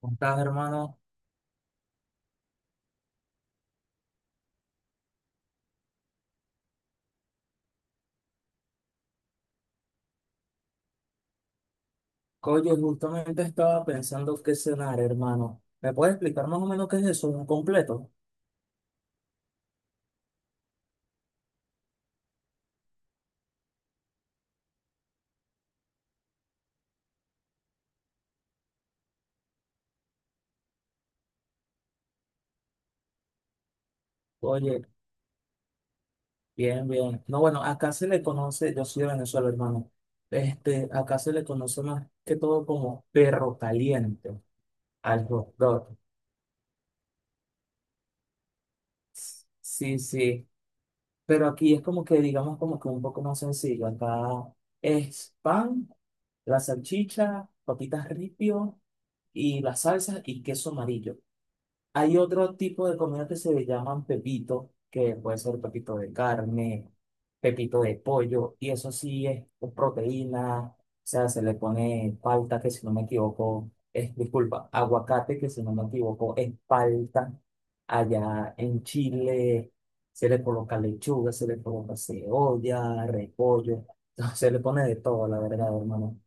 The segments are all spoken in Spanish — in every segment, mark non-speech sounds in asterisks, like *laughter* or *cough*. ¿Cómo estás, hermano? Oye, justamente estaba pensando qué cenar, hermano. ¿Me puedes explicar más o menos qué es eso? ¿Un completo? Oye, bien, bien. No, bueno, acá se le conoce, yo soy de Venezuela, hermano. Este, acá se le conoce más que todo como perro caliente al hot dog. Sí, sí. Pero aquí es como que, digamos, como que un poco más sencillo. Acá es pan, la salchicha, papitas ripio y las salsas y queso amarillo. Hay otro tipo de comida que se le llaman pepito, que puede ser pepito de carne, pepito de pollo, y eso sí es con proteína, o sea, se le pone palta, que si no me equivoco, es, disculpa, aguacate, que si no me equivoco, es palta. Allá en Chile se le coloca lechuga, se le coloca cebolla, repollo, *laughs* se le pone de todo, la verdad, hermano.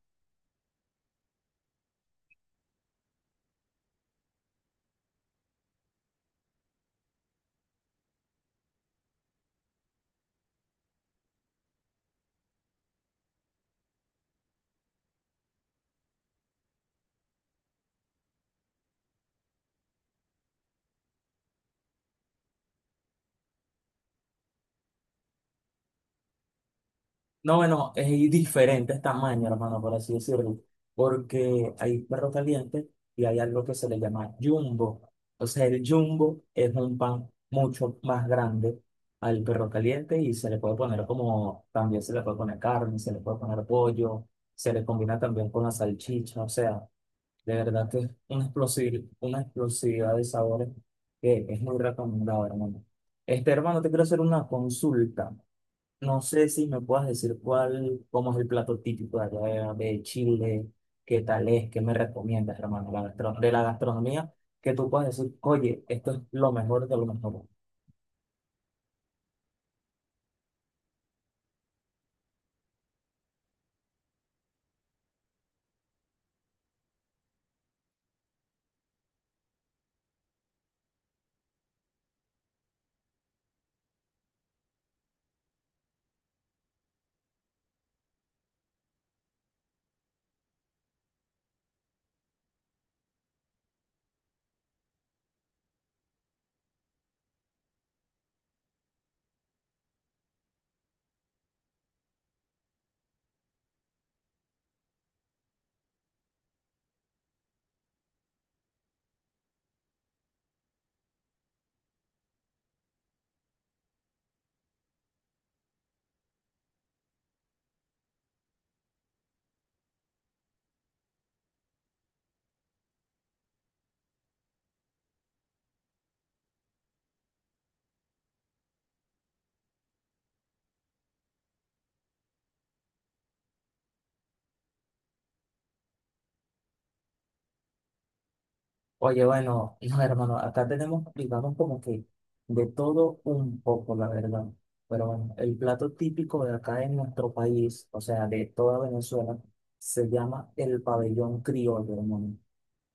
No, bueno, es diferentes tamaños, hermano, por así decirlo, porque hay perro caliente y hay algo que se le llama jumbo. O sea, el jumbo es un pan mucho más grande al perro caliente y se le puede poner como, también se le puede poner carne, se le puede poner pollo, se le combina también con la salchicha, o sea, de verdad que es una una explosividad de sabores que es muy recomendado, hermano. Este, hermano, te quiero hacer una consulta. No sé si me puedas decir cuál, cómo es el plato típico de allá de Chile, qué tal es, qué me recomiendas, hermano, la gastro- de la gastronomía, que tú puedas decir, oye, esto es lo mejor de lo mejor. Oye, bueno, no, hermano, acá tenemos, digamos, como que de todo un poco, la verdad. Pero bueno, el plato típico de acá en nuestro país, o sea, de toda Venezuela, se llama el pabellón criollo, hermano.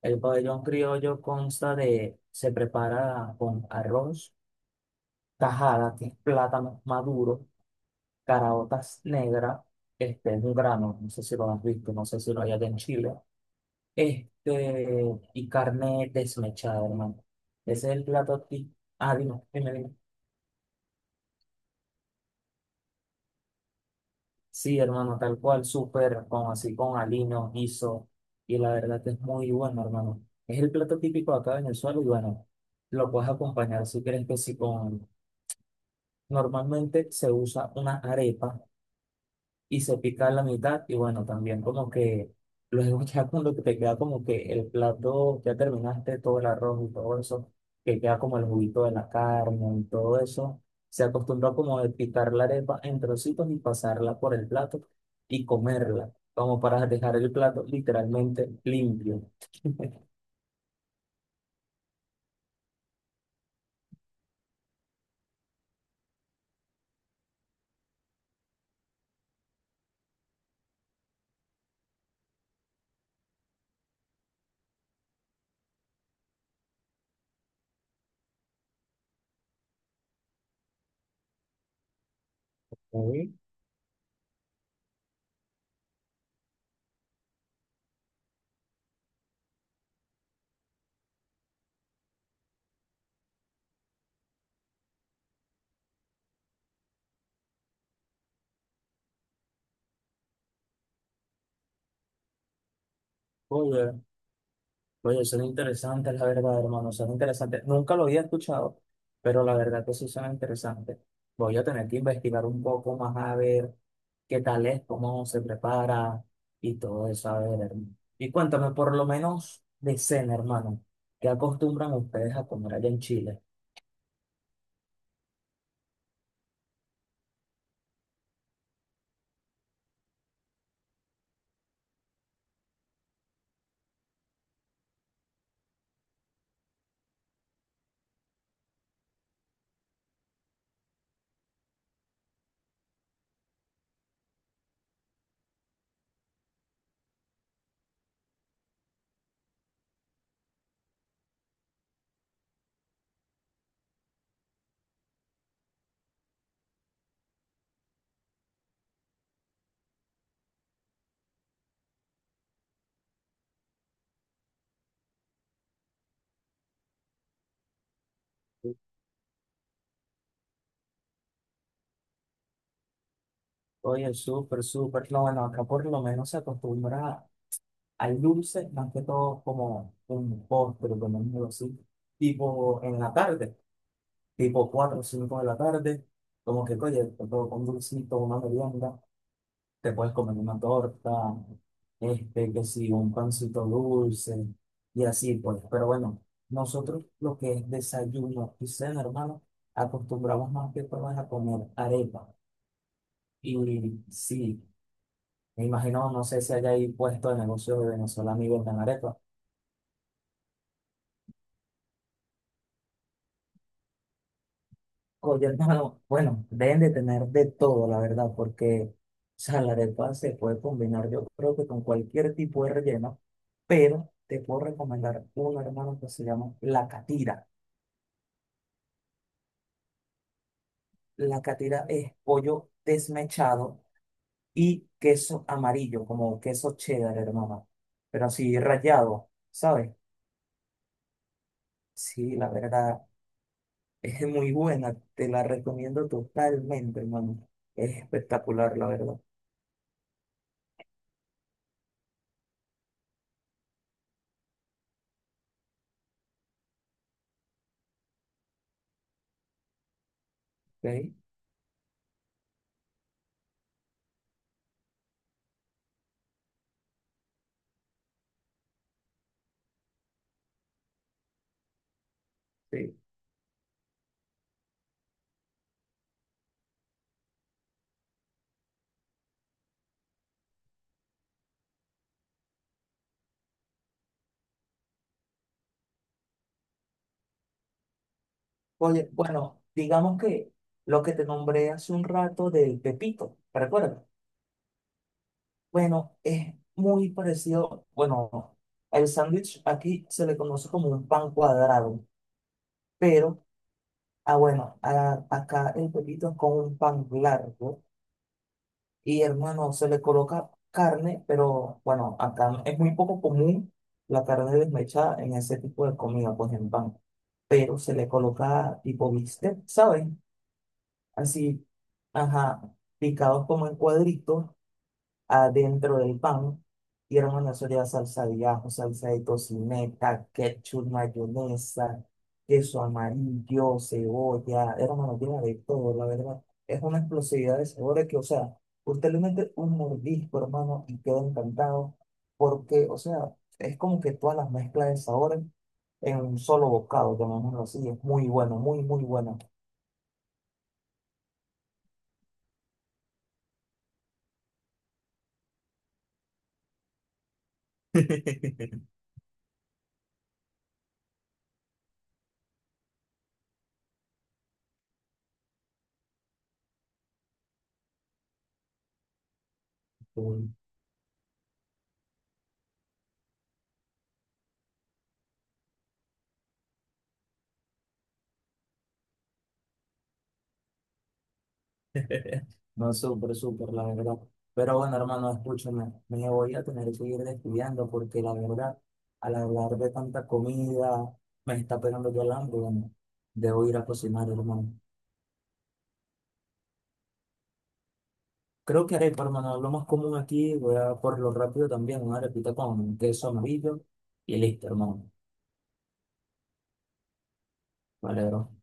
El pabellón criollo consta de, se prepara con arroz tajada, que es plátano maduro, caraotas negras, este es un grano, no sé si lo has visto, no sé si lo hay allá en Chile, este, y carne desmechada, hermano. Ese es el plato típico. Ah, dime, dime, dime. Sí, hermano, tal cual, súper, con así, con aliño, guiso, y la verdad que es muy bueno, hermano. Es el plato típico acá en el suelo y bueno, lo puedes acompañar si quieres que sí con... Normalmente se usa una arepa y se pica la mitad y bueno, también como que luego *laughs* ya cuando te queda como que el plato, ya terminaste todo el arroz y todo eso, que queda como el juguito de la carne y todo eso, se acostumbra como de picar la arepa en trocitos y pasarla por el plato y comerla, como para dejar el plato literalmente limpio. Uy. Oye, oye, son interesantes, la verdad, hermano, son interesantes. Nunca lo había escuchado, pero la verdad que sí son interesantes. Voy a tener que investigar un poco más a ver qué tal es, cómo se prepara y todo eso, a ver, hermano. Y cuéntame, por lo menos de cena, hermano, ¿qué acostumbran ustedes a comer allá en Chile? Oye, súper, súper. No, bueno, acá por lo menos se acostumbra al dulce, más que todo como un postre, como algo así, tipo en la tarde. Tipo 4 o 5 de la tarde, como que, oye, te puedo comer un dulcito, una merienda, te puedes comer una torta, este, que sí, un pancito dulce, y así pues. Pero bueno, nosotros lo que es desayuno y cena, hermano, acostumbramos más que todo es a comer arepa. Y sí, me imagino, no sé si hay ahí puesto de negocio de venezolano y vendan arepa. Oye, hermano, *laughs* bueno, deben de tener de todo, la verdad, porque, o sea, la arepa se puede combinar, yo creo que con cualquier tipo de relleno, pero te puedo recomendar una, hermano, que se llama la catira. La catira es pollo desmechado y queso amarillo, como queso cheddar, hermano, pero así rallado, ¿sabes? Sí, la verdad, es muy buena, te la recomiendo totalmente, hermano. Es espectacular, la verdad, ¿ok? Sí. Oye, bueno, digamos que lo que te nombré hace un rato del Pepito, ¿te acuerdas? Bueno, es muy parecido, bueno, el sándwich aquí se le conoce como un pan cuadrado, pero, ah, bueno, acá el Pepito es con un pan largo y hermano, se le coloca carne, pero bueno, acá es muy poco común la carne desmechada en ese tipo de comida, pues en pan, pero se le coloca tipo bistec, ¿sabes? Así, ajá, picados como en cuadritos adentro del pan. Y hermano, eso lleva salsa de ajo, salsa de tocineta, ketchup, mayonesa, queso amarillo, cebolla. Hermano, lleva de todo, la verdad. Es una explosividad de sabores que, o sea, usted le mete un mordisco, hermano, y queda encantado. Porque, o sea, es como que todas las mezclas de sabores en un solo bocado, llamémoslo así. Es muy bueno, muy, muy bueno. *laughs* *laughs* *laughs* No, súper, súper, la verdad. Pero bueno, hermano, escúchame, me voy a tener que ir despidiendo porque la verdad, al hablar de tanta comida, me está pegando ya el hambre. Bueno, debo ir a cocinar, hermano. Creo que arepa, hermano, lo más común aquí, voy a por lo rápido también, una arepita con queso amarillo y listo, hermano. Vale, bro.